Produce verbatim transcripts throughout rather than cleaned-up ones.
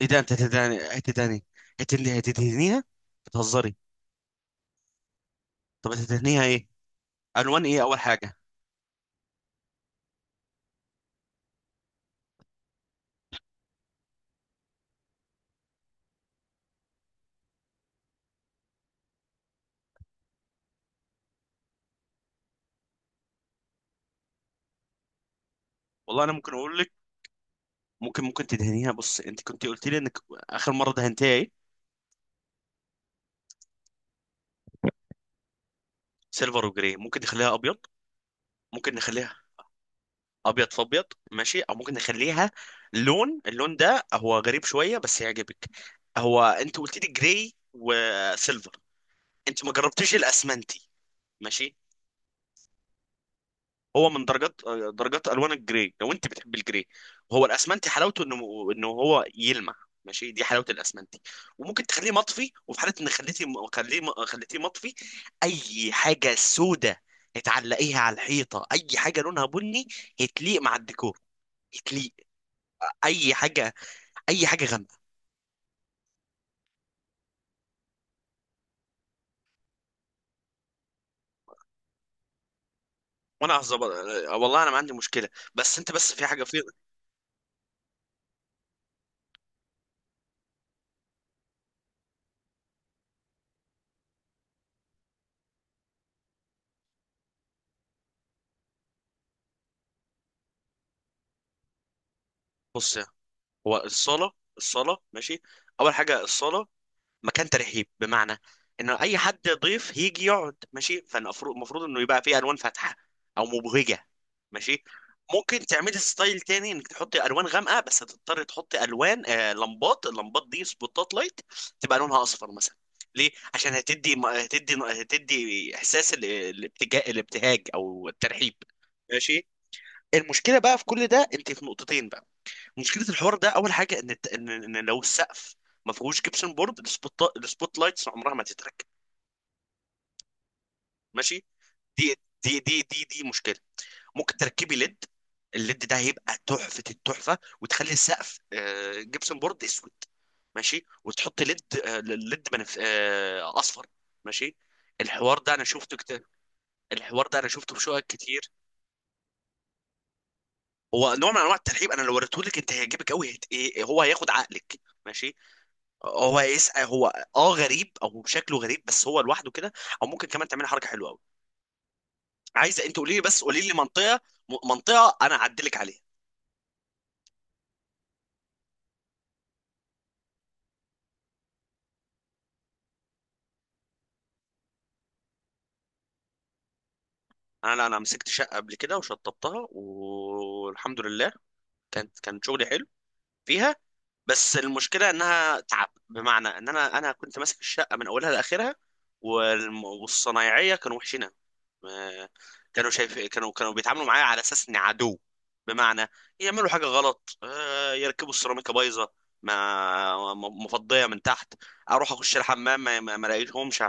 ايه ده؟ انت هتدهني هتدهني هتدهني هتدهنيها بتهزري؟ طب هتدهنيها ايه؟ الوان ايه؟ اول حاجه. والله انا ممكن اقول لك، ممكن ممكن تدهنيها. بص، انت كنت قلت لي انك اخر مره دهنتيها ايه؟ سيلفر وجراي. ممكن نخليها ابيض. ممكن نخليها ابيض في ابيض، ماشي. او ممكن نخليها لون، اللون ده هو غريب شويه بس يعجبك. هو انت قلت لي جراي وسيلفر، انت ما جربتيش الاسمنتي؟ ماشي. هو من درجات درجات الوان الجراي، لو انت بتحب الجراي. هو الاسمنتي حلاوته انه انه هو يلمع. ماشي، دي حلاوه الاسمنتي. وممكن تخليه مطفي، وفي حاله ان خليتي خليه خليتيه مطفي، اي حاجه سودة هتعلقيها على الحيطه، اي حاجه لونها بني، هتليق مع الديكور، هتليق. اي حاجه اي حاجه غامقه. وانا هظبط. والله انا ما عندي مشكله، بس انت بس في حاجه في. بص، هو الصاله، الصاله ماشي اول حاجه الصاله مكان ترحيب، بمعنى انه اي حد ضيف هيجي يقعد، ماشي. فالمفروض المفروض انه يبقى فيه الوان فاتحه او مبهجه، ماشي. ممكن تعملي ستايل تاني، انك تحطي الوان غامقه، بس هتضطري تحطي الوان، آه لمبات اللمبات دي سبوتات لايت، تبقى لونها اصفر مثلا. ليه؟ عشان هتدي هتدي هتدي احساس ال- الابتجا- الابتهاج او الترحيب، ماشي. المشكله بقى في كل ده انت، في نقطتين بقى. مشكله الحوار ده، اول حاجه، ان الت- ان إن لو السقف ما فيهوش جبسن بورد، السبوت السبوت لايتس عمرها ما تتركب، ماشي. دي دي دي دي دي مشكله. ممكن تركبي ليد، الليد ده هيبقى تحفه، التحفه، وتخلي السقف آه، جبسن بورد اسود، ماشي. وتحطي ليد آه، ليد بنف... آه، اصفر ماشي. الحوار ده انا شفته كتير، الحوار ده انا شفته في شقق كتير. هو نوع من انواع الترحيب، انا لو وريته لك انت هيعجبك قوي. هت... إيه- هو هياخد عقلك، ماشي. هو يسأل، هو اه، غريب، او شكله غريب بس هو لوحده كده. او ممكن كمان تعمل حركه حلوه قوي. عايزه انت قولي لي، بس قولي لي منطقه، م- منطقه انا اعدلك عليها. انا انا مسكت شقه قبل كده وشطبتها، والحمد لله. كانت كان شغلي حلو فيها. بس المشكله انها تعب، بمعنى ان انا انا كنت ماسك الشقه من اولها لاخرها. والم- والصنايعيه كانوا وحشينها. ما- كانوا شايف كانوا كانوا بيتعاملوا معايا على اساس اني عدو. بمعنى يعملوا حاجه غلط آه، يركبوا السيراميكا بايظه، ما م- مفضيه من تحت. اروح اخش الحمام ما ما- ما الاقيهمش.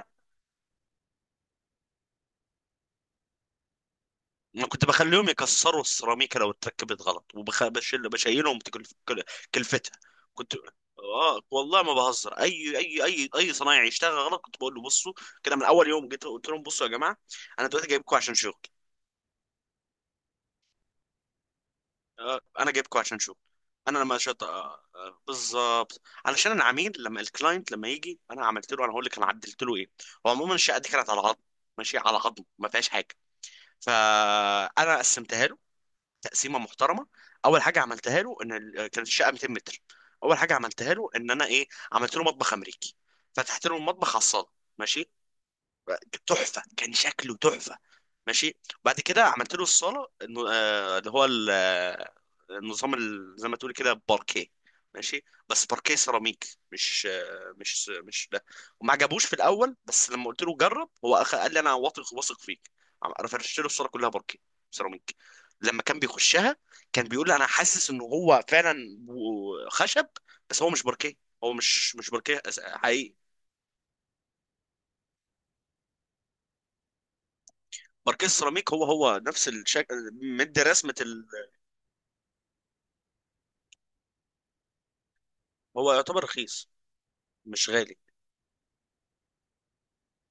أنا كنت بخليهم يكسروا السيراميكا لو اتركبت غلط، وبشيل بشيلهم بكل- كل- كلفتها كنت... اه والله ما بهزر. اي اي اي اي صنايعي يشتغل غلط كنت بقول له بصوا. كده من اول يوم جيت قلت لهم بصوا يا جماعه، انا دلوقتي جايبكم عشان شغل. آه، انا جايبكم عشان شغل. انا لما شط آه، آه، بالظبط علشان انا عميل. لما الكلاينت لما يجي انا عملت له، انا هقول لك انا عدلت له ايه. هو عموما الشقه دي كانت على عظم، ماشي، على عظم ما فيهاش حاجه. فانا قسمتها له تقسيمه محترمه. اول حاجه عملتها له ان ال- كانت الشقه 200 متر. اول حاجه عملتها له ان انا ايه، عملت له مطبخ امريكي. فتحت له المطبخ على الصاله، ماشي. تحفه، كان شكله تحفه، ماشي. بعد كده عملت له الصاله، إنه، آه، اللي هو ال- آه، النظام ال- زي ما تقول كده باركيه، ماشي. بس باركيه سيراميك، مش آه، مش مش ده. وما عجبوش في الاول، بس لما قلت له جرب هو أخ- قال لي انا واثق، واثق فيك. عم- فرشت له الصاله كلها باركيه سيراميك. لما كان بيخشها كان بيقول لي انا حاسس ان هو فعلا بو- خشب بس هو مش باركيه. هو مش مش باركيه أس- حقيقي ماركيز سيراميك، هو هو نفس الشكل. مدي رسمة ال... هو يعتبر رخيص، مش غالي.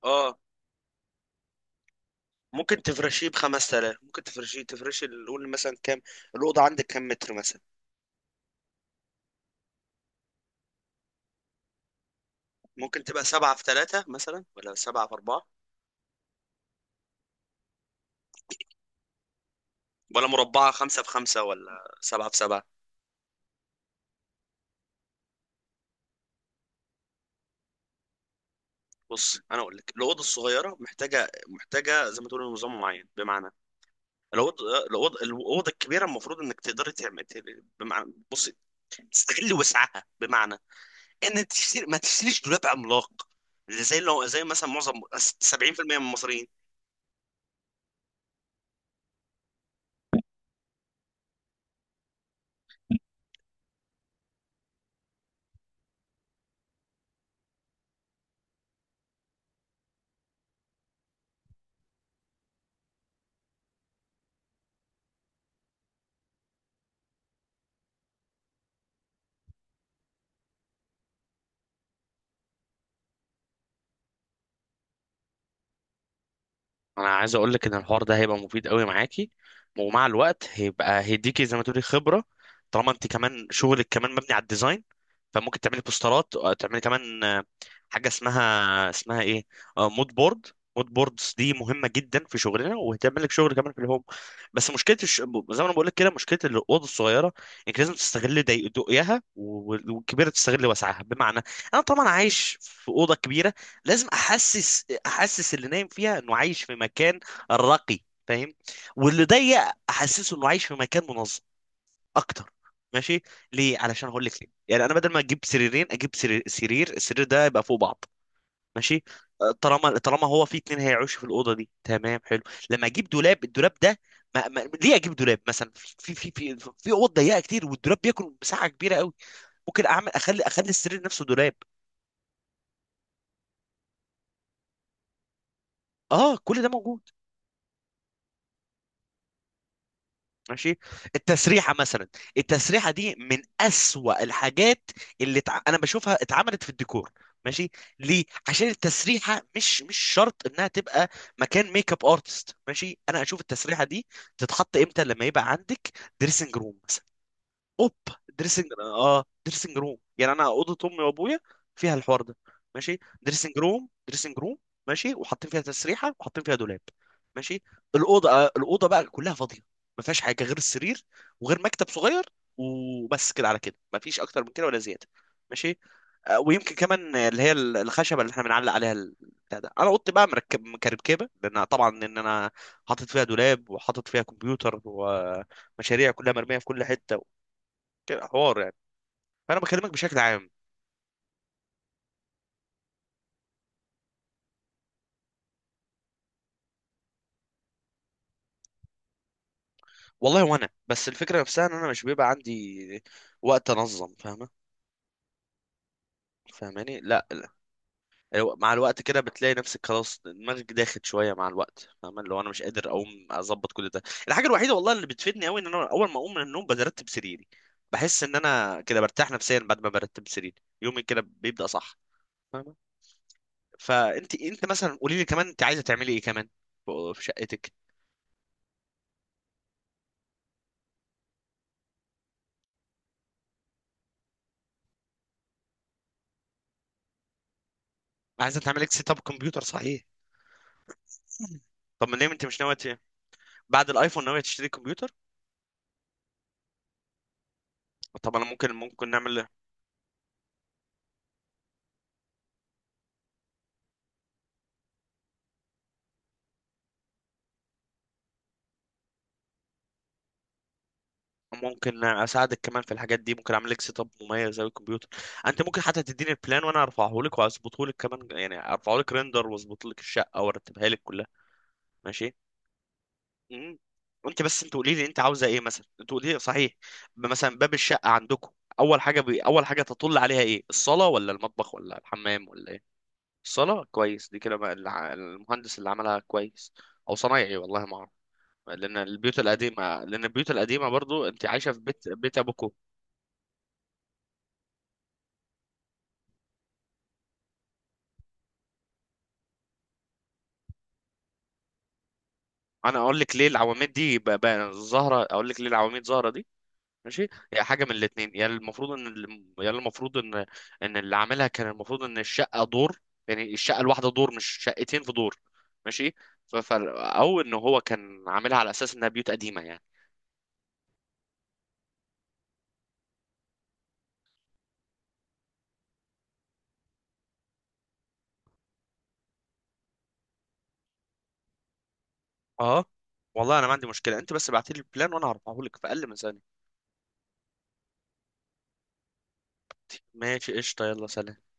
اه، ممكن تفرشيه ب خمس تلاف، ممكن تفرشيه تفرشي نقول مثلا كام. الأوضة عندك كام متر مثلا؟ ممكن تبقى سبعة في ثلاثة مثلا، ولا سبعة في أربعة، ولا مربعة خمسة في خمسة، ولا سبعة في سبعة. بص، انا اقول لك، الاوضه الصغيره محتاجه، محتاجه زي ما تقول نظام معين. بمعنى الاوضه الاوضه الاوضه الكبيره المفروض انك تقدري تعمل، بمعنى، بص، تستغل وسعها، بمعنى ان تشتري، ما تشتريش دولاب عملاق زي، لو زي مثلا معظم سبعين في المية من المصريين. انا عايز اقول لك ان الحوار ده هيبقى مفيد قوي معاكي، ومع الوقت هيبقى هيديكي زي ما تقولي خبره. طالما انت كمان شغلك كمان مبني على الديزاين، فممكن تعملي بوسترات، أو تعملي كمان آه، حاجه اسمها اسمها ايه، آه، مود بورد. مود بوردز دي مهمه جدا في شغلنا، وهتعمل لك شغل كمان في الهوم. بس مشكله الش... زي ما انا بقول لك كده، مشكله الاوضه الصغيره انك لازم تستغل ضيق- ضيقها و- والكبيره تستغل وسعها. بمعنى، انا طبعا عايش في اوضه كبيره، لازم احسس احسس اللي نايم فيها انه عايش في مكان راقي، فاهم؟ واللي ضيق، احسسه انه عايش في مكان منظم اكتر، ماشي. ليه؟ علشان هقول لك ليه، يعني انا بدل ما اجيب سريرين اجيب سرير سرير السرير ده يبقى فوق بعض، ماشي. آه، طالما طالما هو في اتنين هيعيشوا في الاوضه دي، تمام، حلو. لما اجيب دولاب، الدولاب ده ما... ما... ليه اجيب دولاب مثلا في في في في اوض ضيقه كتير، والدولاب بياكل مساحه كبيره قوي. ممكن اعمل اخلي اخلي السرير نفسه دولاب. اه، كل ده موجود، ماشي. التسريحه مثلا، التسريحه دي من اسوأ الحاجات اللي تع... انا بشوفها اتعملت في الديكور، ماشي. ليه؟ عشان التسريحه مش مش شرط انها تبقى مكان ميك اب ارتست، ماشي. انا اشوف التسريحه دي تتحط امتى، لما يبقى عندك دريسنج روم. اوب دريسنج اه دريسنج روم، يعني انا اوضه امي وابويا فيها الحوار ده، ماشي. دريسنج روم دريسنج روم، ماشي، وحاطين فيها تسريحه وحاطين فيها دولاب، ماشي. الاوضه آه، الاوضه بقى كلها فاضيه، ما فيهاش حاجه غير السرير، وغير مكتب صغير، وبس كده. على كده ما فيش اكتر من كده ولا زياده، ماشي. آه، ويمكن كمان آه، اللي هي ال- الخشبه اللي احنا بنعلق عليها ال- بتاع ده. انا اوضتي بقى مركب، مكركبه، لان طبعا ان انا حاطط فيها دولاب، وحاطط فيها كمبيوتر، ومشاريع كلها مرميه في كل حته، كده حوار يعني. فانا بكلمك بشكل عام. والله وانا بس الفكره نفسها ان انا مش بيبقى عندي وقت انظم، فاهمه؟ فاهماني؟ لا، لا. الو- مع الوقت كده بتلاقي نفسك خلاص دماغك داخل شويه، مع الوقت، فاهمه؟ لو انا مش قادر اقوم اظبط كل ده. الحاجه الوحيده والله اللي بتفيدني قوي ان انا اول ما اقوم من النوم برتب سريري، بحس ان انا كده برتاح نفسيا بعد ما برتب سريري، يومي كده بيبدا صح، فاهمه؟ فانت انت مثلا قولي لي كمان، انت عايزه تعملي ايه كمان في في شقتك عايزه تعملي لك سيت اب كمبيوتر، صحيح؟ طب ما ليه انت مش ناويه، بعد الايفون، ناوي تشتري كمبيوتر؟ طب انا ممكن، ممكن نعمل ممكن اساعدك كمان في الحاجات دي، ممكن اعمل لك سيت اب مميز زي الكمبيوتر. انت ممكن حتى تديني البلان، وانا ارفعه لك واظبطه لك كمان، يعني ارفعه لك ريندر، واظبط لك الشقه وارتبها لك كلها، ماشي. امم انت بس، انت قولي لي انت عاوزه ايه مثلا، انت قولي لي صحيح، مثلا باب الشقه عندكم اول حاجه بي... اول حاجه تطل عليها ايه؟ الصاله ولا المطبخ ولا الحمام ولا ايه؟ الصاله، كويس، دي كده بقى الع- المهندس اللي عملها كويس، او صنايعي، والله ما اعرف. لان البيوت القديمه لان البيوت القديمه برضو، انت عايشه في بيت بيت ابوكو. انا اقول لك ليه العواميد دي ب- ب- ظاهره اقول لك ليه العواميد ظاهره دي. ماشي، هي حاجه من الاثنين، يا المفروض ان ال- يا المفروض ان ان اللي عاملها كان المفروض ان الشقه دور، يعني الشقه الواحده دور، مش شقتين في دور، ماشي. ف... ف... او ان هو كان عاملها على اساس انها بيوت قديمه، يعني. اه، والله انا ما عندي مشكله، انت بس ابعتي لي البلان وانا هرفعه لك في اقل من ثانيه. ماشي، قشطه، يلا، سلام.